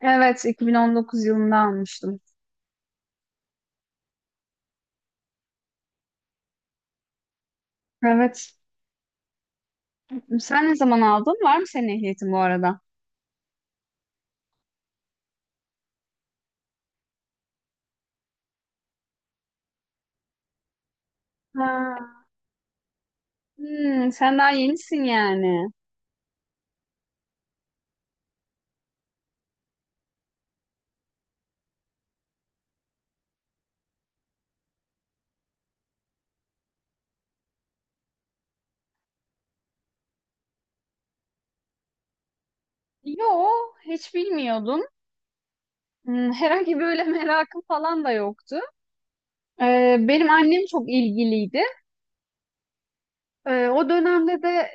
Evet, 2019 yılında almıştım. Evet. Sen ne zaman aldın? Var mı senin ehliyetin bu arada? Ha. Hmm, sen daha yenisin yani. Yo, hiç bilmiyordum. Hmm, herhangi böyle merakım falan da yoktu. Benim annem çok ilgiliydi. O dönemde de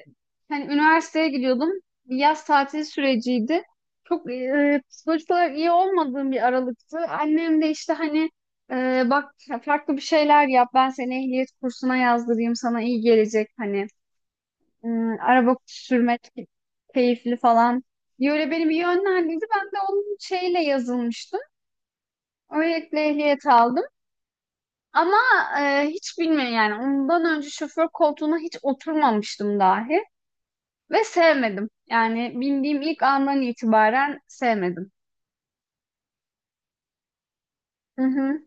hani üniversiteye gidiyordum. Bir yaz tatili süreciydi. Çok psikolojik olarak iyi olmadığım bir aralıktı. Annem de işte hani bak, farklı bir şeyler yap. Ben seni ehliyet kursuna yazdırayım. Sana iyi gelecek hani. Hmm, araba sürmek keyifli falan diye öyle beni bir yönlendirdi. Ben de onun şeyle yazılmıştım. Öylelikle ehliyet aldım. Ama hiç bilmiyorum yani, ondan önce şoför koltuğuna hiç oturmamıştım dahi. Ve sevmedim. Yani bindiğim ilk andan itibaren sevmedim. Hı hı.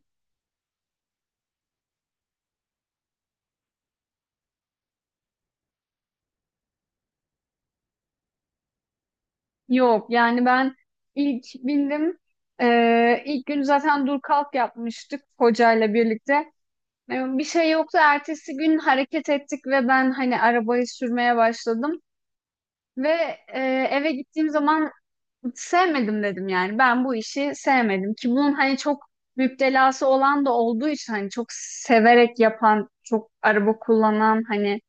Yok yani ben ilk bindim. İlk gün zaten dur kalk yapmıştık hocayla birlikte. Bir şey yoktu. Ertesi gün hareket ettik ve ben hani arabayı sürmeye başladım. Ve e, eve gittiğim zaman sevmedim dedim yani. Ben bu işi sevmedim ki, bunun hani çok müptelası olan da olduğu için, hani çok severek yapan, çok araba kullanan hani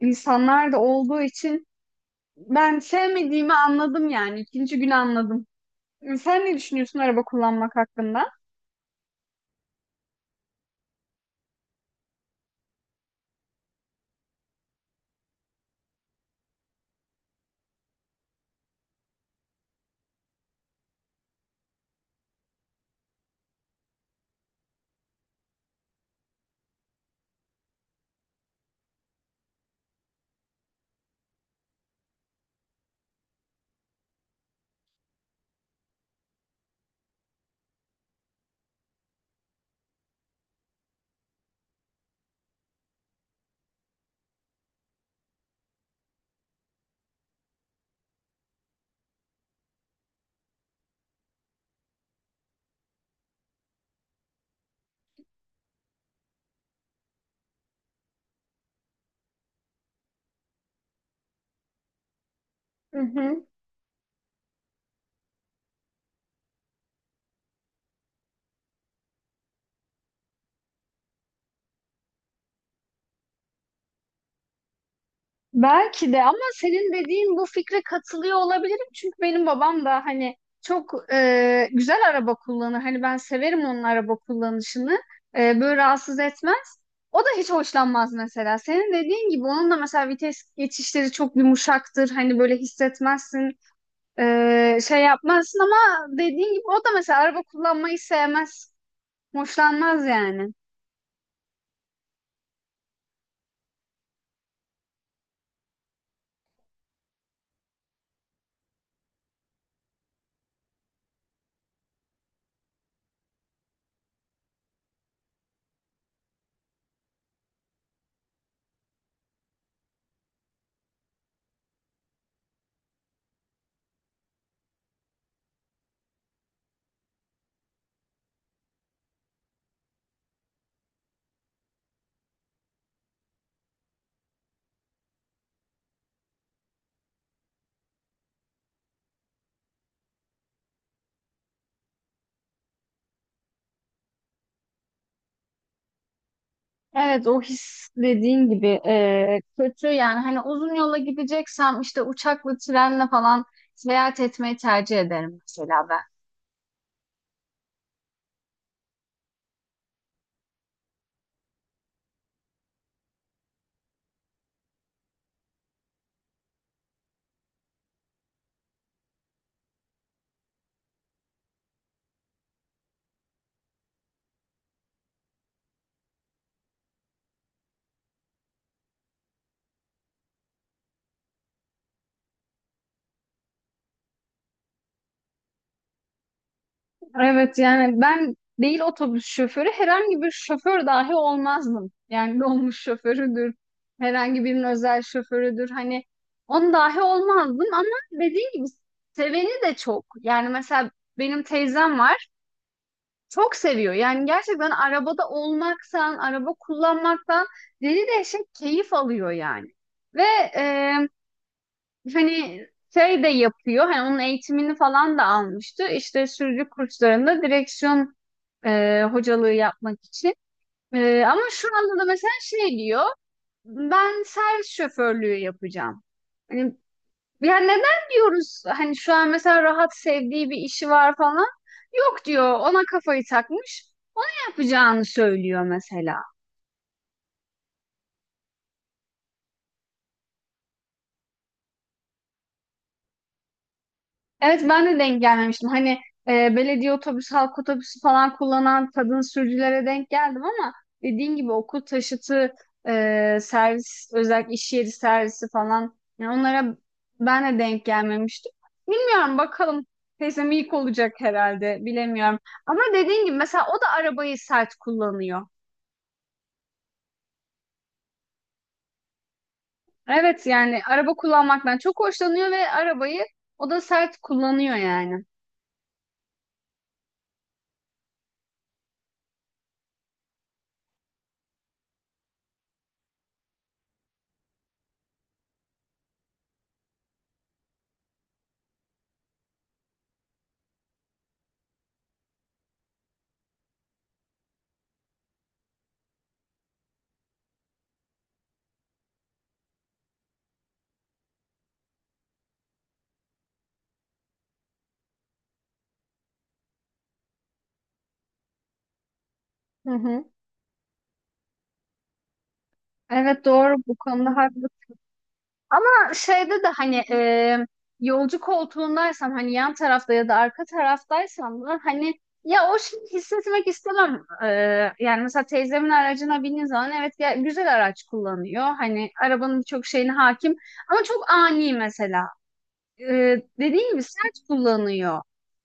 insanlar da olduğu için ben sevmediğimi anladım yani. İkinci gün anladım. Sen ne düşünüyorsun araba kullanmak hakkında? Hı hı. Belki de, ama senin dediğin bu fikre katılıyor olabilirim. Çünkü benim babam da hani çok güzel araba kullanır. Hani ben severim onun araba kullanışını. E, böyle rahatsız etmez. O da hiç hoşlanmaz mesela. Senin dediğin gibi onun da mesela vites geçişleri çok yumuşaktır. Hani böyle hissetmezsin. Şey yapmazsın, ama dediğin gibi o da mesela araba kullanmayı sevmez. Hoşlanmaz yani. Evet, o his dediğin gibi kötü yani, hani uzun yola gideceksem işte uçakla, trenle falan seyahat etmeyi tercih ederim mesela ben. Evet yani ben değil otobüs şoförü, herhangi bir şoför dahi olmazdım. Yani dolmuş şoförüdür, herhangi birinin özel şoförüdür, hani on dahi olmazdım, ama dediğim gibi seveni de çok. Yani mesela benim teyzem var, çok seviyor. Yani gerçekten arabada olmaktan, araba kullanmaktan deli dehşet keyif alıyor yani. Ve hani şey de yapıyor. Hani onun eğitimini falan da almıştı. İşte sürücü kurslarında direksiyon hocalığı yapmak için. E, ama şu anda da mesela şey diyor. Ben servis şoförlüğü yapacağım. Hani, yani neden diyoruz, hani şu an mesela rahat sevdiği bir işi var falan. Yok diyor, ona kafayı takmış, yapacağını söylüyor mesela. Evet, ben de denk gelmemiştim. Hani belediye otobüsü, halk otobüsü falan kullanan kadın sürücülere denk geldim, ama dediğin gibi okul taşıtı, servis, özellikle iş yeri servisi falan, yani onlara ben de denk gelmemiştim. Bilmiyorum bakalım. Teyzem ilk olacak herhalde, bilemiyorum. Ama dediğin gibi mesela o da arabayı sert kullanıyor. Evet yani araba kullanmaktan çok hoşlanıyor ve arabayı o da sert kullanıyor yani. Hı hı. Evet, doğru, bu konuda haklı. Ama şeyde de hani yolcu koltuğundaysam, hani yan tarafta ya da arka taraftaysam da hani ya o şeyi hissetmek istemem. E, yani mesela teyzemin aracına bindiğin zaman, evet ya, güzel araç kullanıyor. Hani arabanın birçok şeyine hakim, ama çok ani mesela. E, dediğim gibi sert kullanıyor.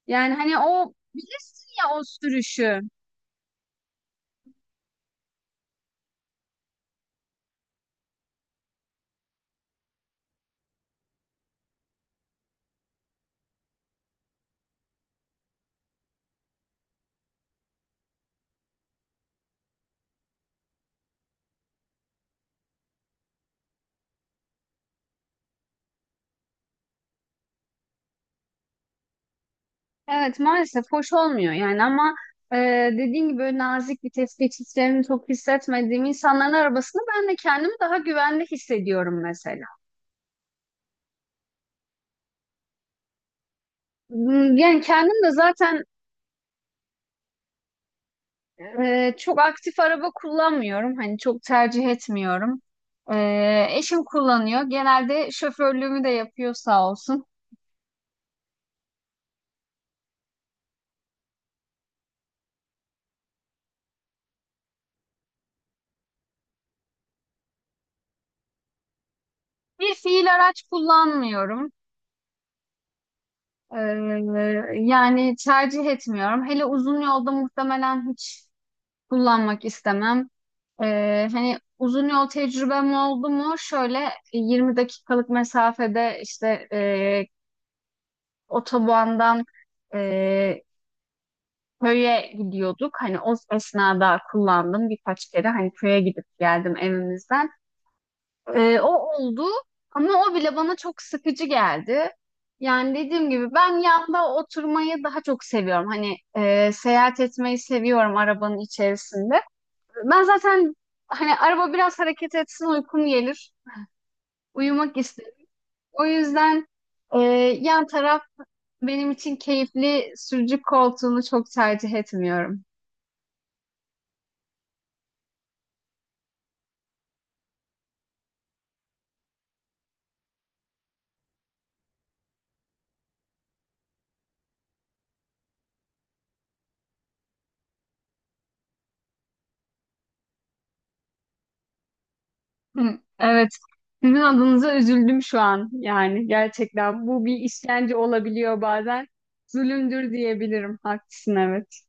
Yani hani o bilirsin ya o sürüşü. Evet, maalesef hoş olmuyor yani, ama e, dediğin gibi böyle nazik bir tetikçilerini çok hissetmediğim insanların arabasını ben de kendimi daha güvende hissediyorum mesela. Hmm, yani kendim de zaten çok aktif araba kullanmıyorum, hani çok tercih etmiyorum. E, eşim kullanıyor genelde, şoförlüğümü de yapıyor sağ olsun. Bir fiil araç kullanmıyorum. E, yani tercih etmiyorum. Hele uzun yolda muhtemelen hiç kullanmak istemem. Hani uzun yol tecrübem oldu mu? Şöyle 20 dakikalık mesafede işte otobandan e, köye gidiyorduk. Hani o esnada kullandım birkaç kere. Hani köye gidip geldim evimizden. O oldu, ama o bile bana çok sıkıcı geldi. Yani dediğim gibi ben yanda oturmayı daha çok seviyorum. Hani seyahat etmeyi seviyorum arabanın içerisinde. Ben zaten hani araba biraz hareket etsin uykum gelir. Uyumak istedim. O yüzden e, yan taraf benim için keyifli, sürücü koltuğunu çok tercih etmiyorum. Hı, evet. Sizin adınıza üzüldüm şu an. Yani gerçekten bu bir işkence olabiliyor bazen. Zulümdür diyebilirim. Haklısın, evet.